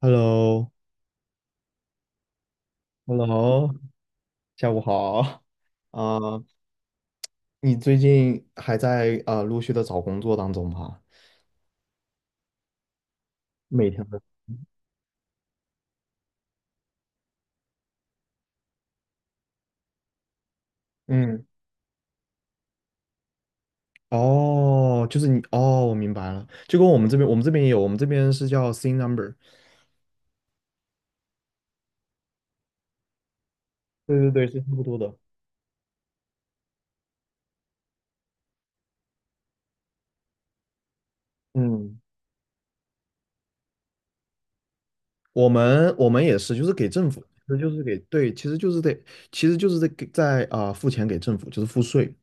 Hello，Hello，下午好。啊、你最近还在陆续的找工作当中吗？每天的。嗯，哦，就是你，哦，我明白了，就跟我们这边，我们这边也有，我们这边是叫 C number。对对对，是差不多的。嗯，我们也是，就是给政府，其实就是给，对，其实就是得，其实就是在给在付钱给政府，就是付税。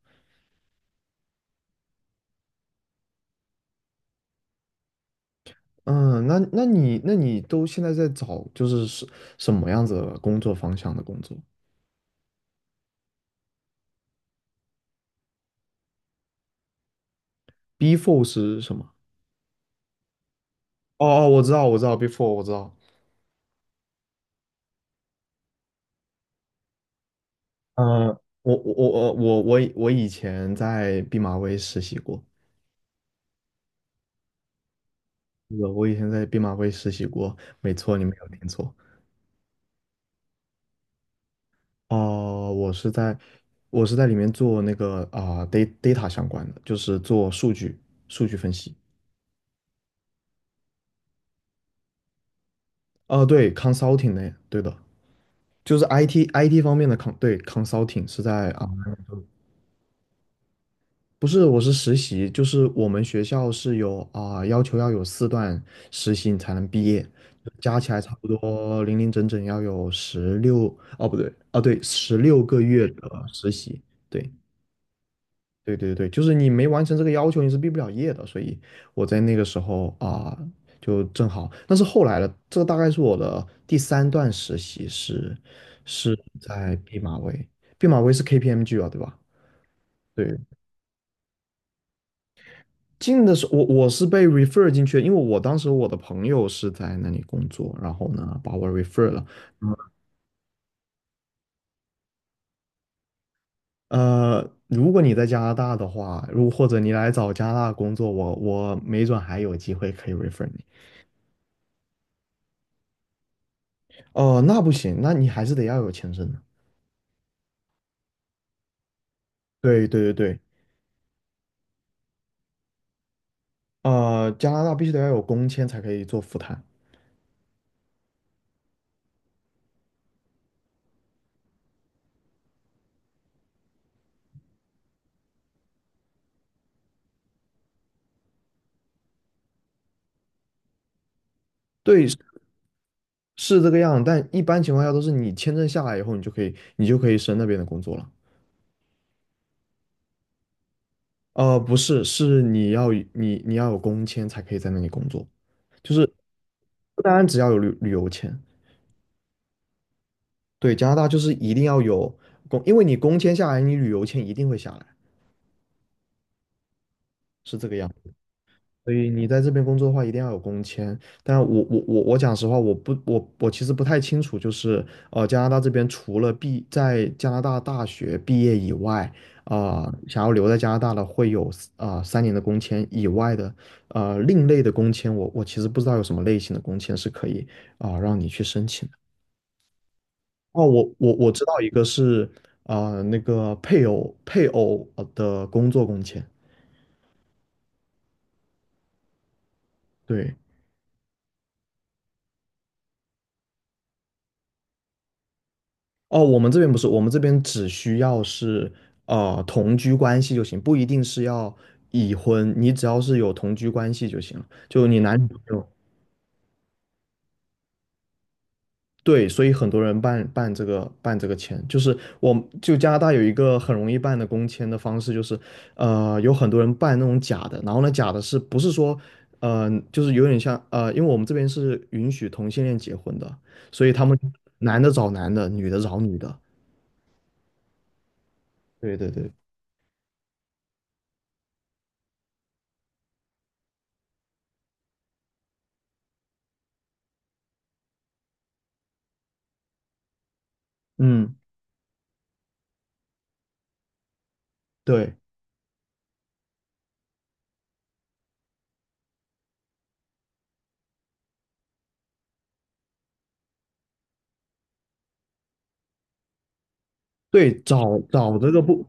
嗯，那你都现在在找就是什么样子的工作方向的工作？Before 是什么？哦哦，我知道，我知道，before 我知道。呃，我以前在毕马威实习过，是的，我以前在毕马威实习过，没错，你没有听错。哦、我是在我是在里面做那个data 相关的，就是做数据分析。哦、对，consulting 呢，对的，就是 IT 方面的 对， consulting 是在啊。不是，我是实习，就是我们学校是有要求要有四段实习你才能毕业，加起来差不多零零整整要有十六，哦不对，啊，对，16个月的实习，对对对对，就是你没完成这个要求你是毕不了业的，所以我在那个时候就正好，但是后来的这大概是我的第三段实习是在毕马威，毕马威是 KPMG 啊，对吧？对。进的时候，我是被 refer 进去的，因为我当时我的朋友是在那里工作，然后呢把我 refer 了。如果你在加拿大的话，或者你来找加拿大工作，我没准还有机会可以 refer 你。哦、那不行，那你还是得要有签证的。对对对对，加拿大必须得要有工签才可以做赴谈。对，是这个样，但一般情况下都是你签证下来以后，你就可以升那边的工作了。不是，是你要有工签才可以在那里工作，就是不单单只要有旅游签，对，加拿大就是一定要有工，因为你工签下来，你旅游签一定会下来，是这个样。所以你在这边工作的话，一定要有工签。但我讲实话，我其实不太清楚，就是加拿大这边除了在加拿大大学毕业以外，想要留在加拿大的会有三年的工签以外的另类的工签，我其实不知道有什么类型的工签是可以让你去申请的。哦，我知道一个是那个配偶的工作工签，对。哦，我们这边不是，我们这边只需要是同居关系就行，不一定是要已婚，你只要是有同居关系就行了。就你男女朋友，对，所以很多人办这个签，就是我就加拿大有一个很容易办的工签的方式，就是有很多人办那种假的，然后呢假的是不是说就是有点像，因为我们这边是允许同性恋结婚的，所以他们男的找男的，女的找女的，对对对，嗯。对。对，找找这个不，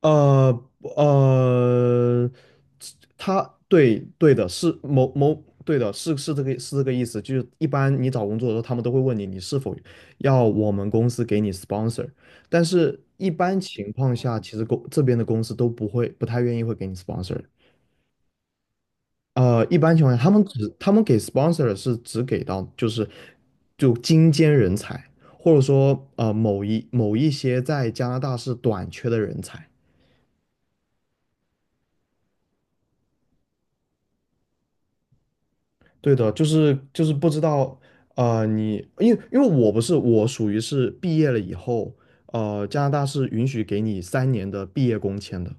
呃呃，他对对的，是某某对的，是这个意思，就是一般你找工作的时候，他们都会问你是否要我们公司给你 sponsor，但是一般情况下，其实这边的公司都不会不太愿意会给你 sponsor，一般情况下，他们给 sponsor 是只给到就是精尖人才，或者说某一些在加拿大是短缺的人才。对的，就是不知道你，因为我不是我属于是毕业了以后，加拿大是允许给你三年的毕业工签的。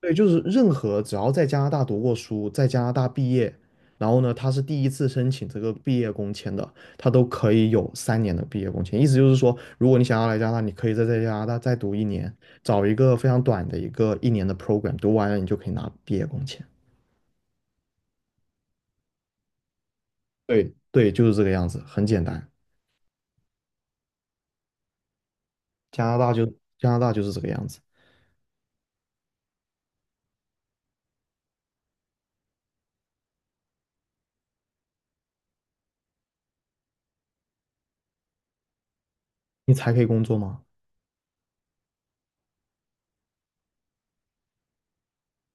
对，就是任何只要在加拿大读过书，在加拿大毕业，然后呢，他是第一次申请这个毕业工签的，他都可以有三年的毕业工签。意思就是说，如果你想要来加拿大，你可以在加拿大再读一年，找一个非常短的一个一年的 program，读完了你就可以拿毕业工签。对对，就是这个样子，很简单。加拿大就是这个样子，你才可以工作吗？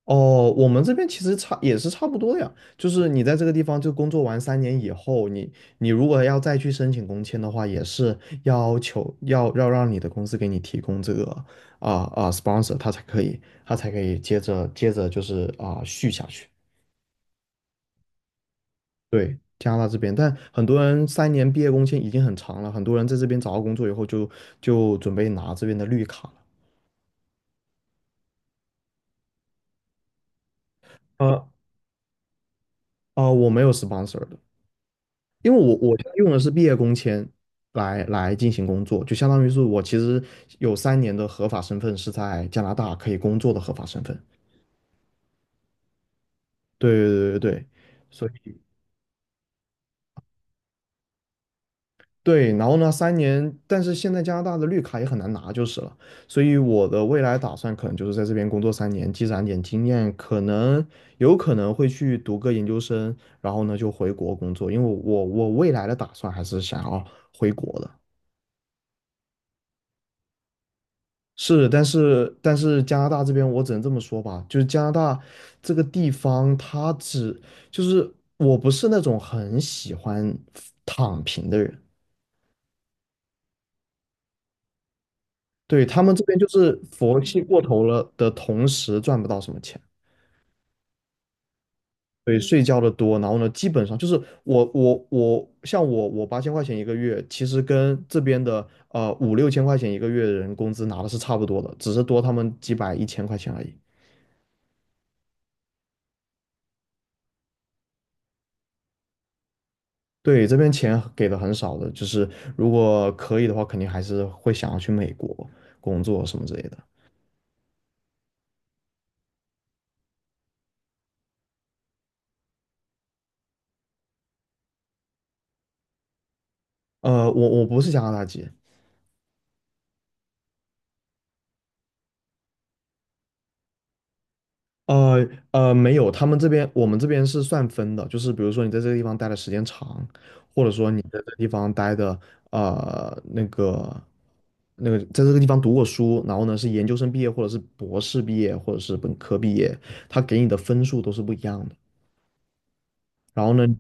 哦，我们这边其实差也是差不多的呀，就是你在这个地方就工作完三年以后，你如果要再去申请工签的话，也是要求要让你的公司给你提供这个sponsor，他才可以接着就是续下去。对，加拿大这边，但很多人三年毕业工签已经很长了，很多人在这边找到工作以后就准备拿这边的绿卡了。呃我没有 sponsor 的，因为我现在用的是毕业工签来进行工作，就相当于是我其实有三年的合法身份是在加拿大可以工作的合法身份。对对对对对，所以对，然后呢，三年，但是现在加拿大的绿卡也很难拿就是了，所以我的未来打算可能就是在这边工作三年，积攒点经验，可能有可能会去读个研究生，然后呢就回国工作，因为我未来的打算还是想要回国的。是，但是加拿大这边我只能这么说吧，就是加拿大这个地方，他只就是我不是那种很喜欢躺平的人，对，他们这边就是佛系过头了的同时赚不到什么钱，对，睡觉的多，然后呢，基本上就是我像我8000块钱一个月，其实跟这边的五六千块钱一个月的人工资拿的是差不多的，只是多他们几百一千块钱而已。对，这边钱给的很少的，就是如果可以的话，肯定还是会想要去美国工作什么之类的。我不是加拿大籍，呃没有，他们这边我们这边是算分的，就是比如说你在这个地方待的时间长，或者说你在这个地方待的呃那个在这个地方读过书，然后呢是研究生毕业，或者是博士毕业，或者是本科毕业，他给你的分数都是不一样的。然后呢，你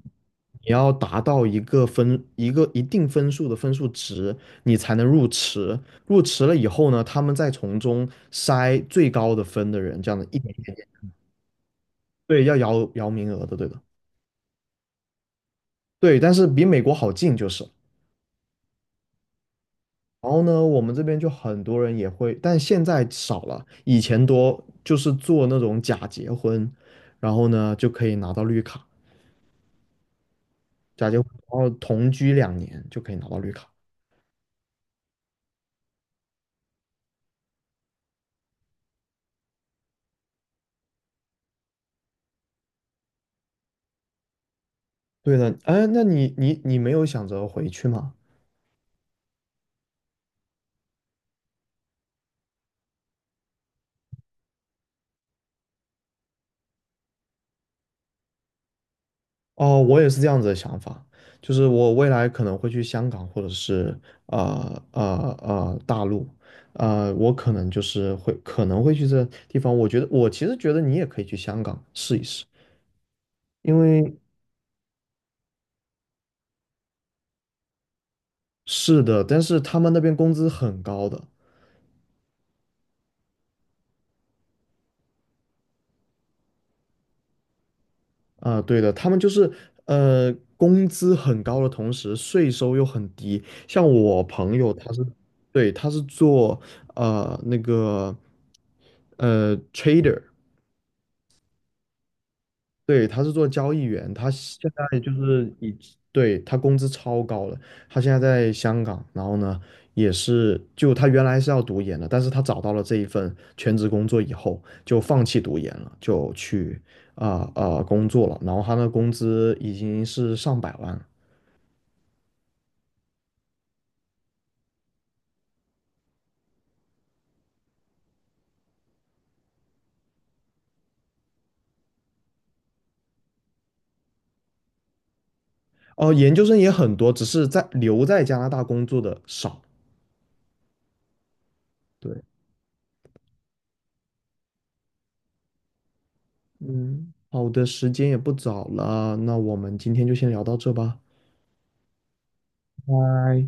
要达到一个一定分数的分数值，你才能入池。入池了以后呢，他们再从中筛最高的分的人，这样的一点一点点，对，要摇摇名额的，对的，对。但是比美国好进就是。然后呢，我们这边就很多人也会，但现在少了，以前多，就是做那种假结婚，然后呢就可以拿到绿卡，假结婚，然后同居2年就可以拿到绿卡。对的，哎，那你没有想着回去吗？哦，我也是这样子的想法，就是我未来可能会去香港或者是呃呃大陆，我可能会去这地方。我觉得其实觉得你也可以去香港试一试，因为是的，但是他们那边工资很高的，啊，对的，他们就是工资很高的同时，税收又很低。像我朋友，他是，对，他是做呃那个trader，对，他是做交易员，他现在就是以，对，他工资超高了，他现在在香港，然后呢，也是就他原来是要读研的，但是他找到了这一份全职工作以后，就放弃读研了，就去工作了，然后他的工资已经是上百万了，哦、研究生也很多，只是留在加拿大工作的少。对，嗯，好的，时间也不早了，那我们今天就先聊到这吧，拜。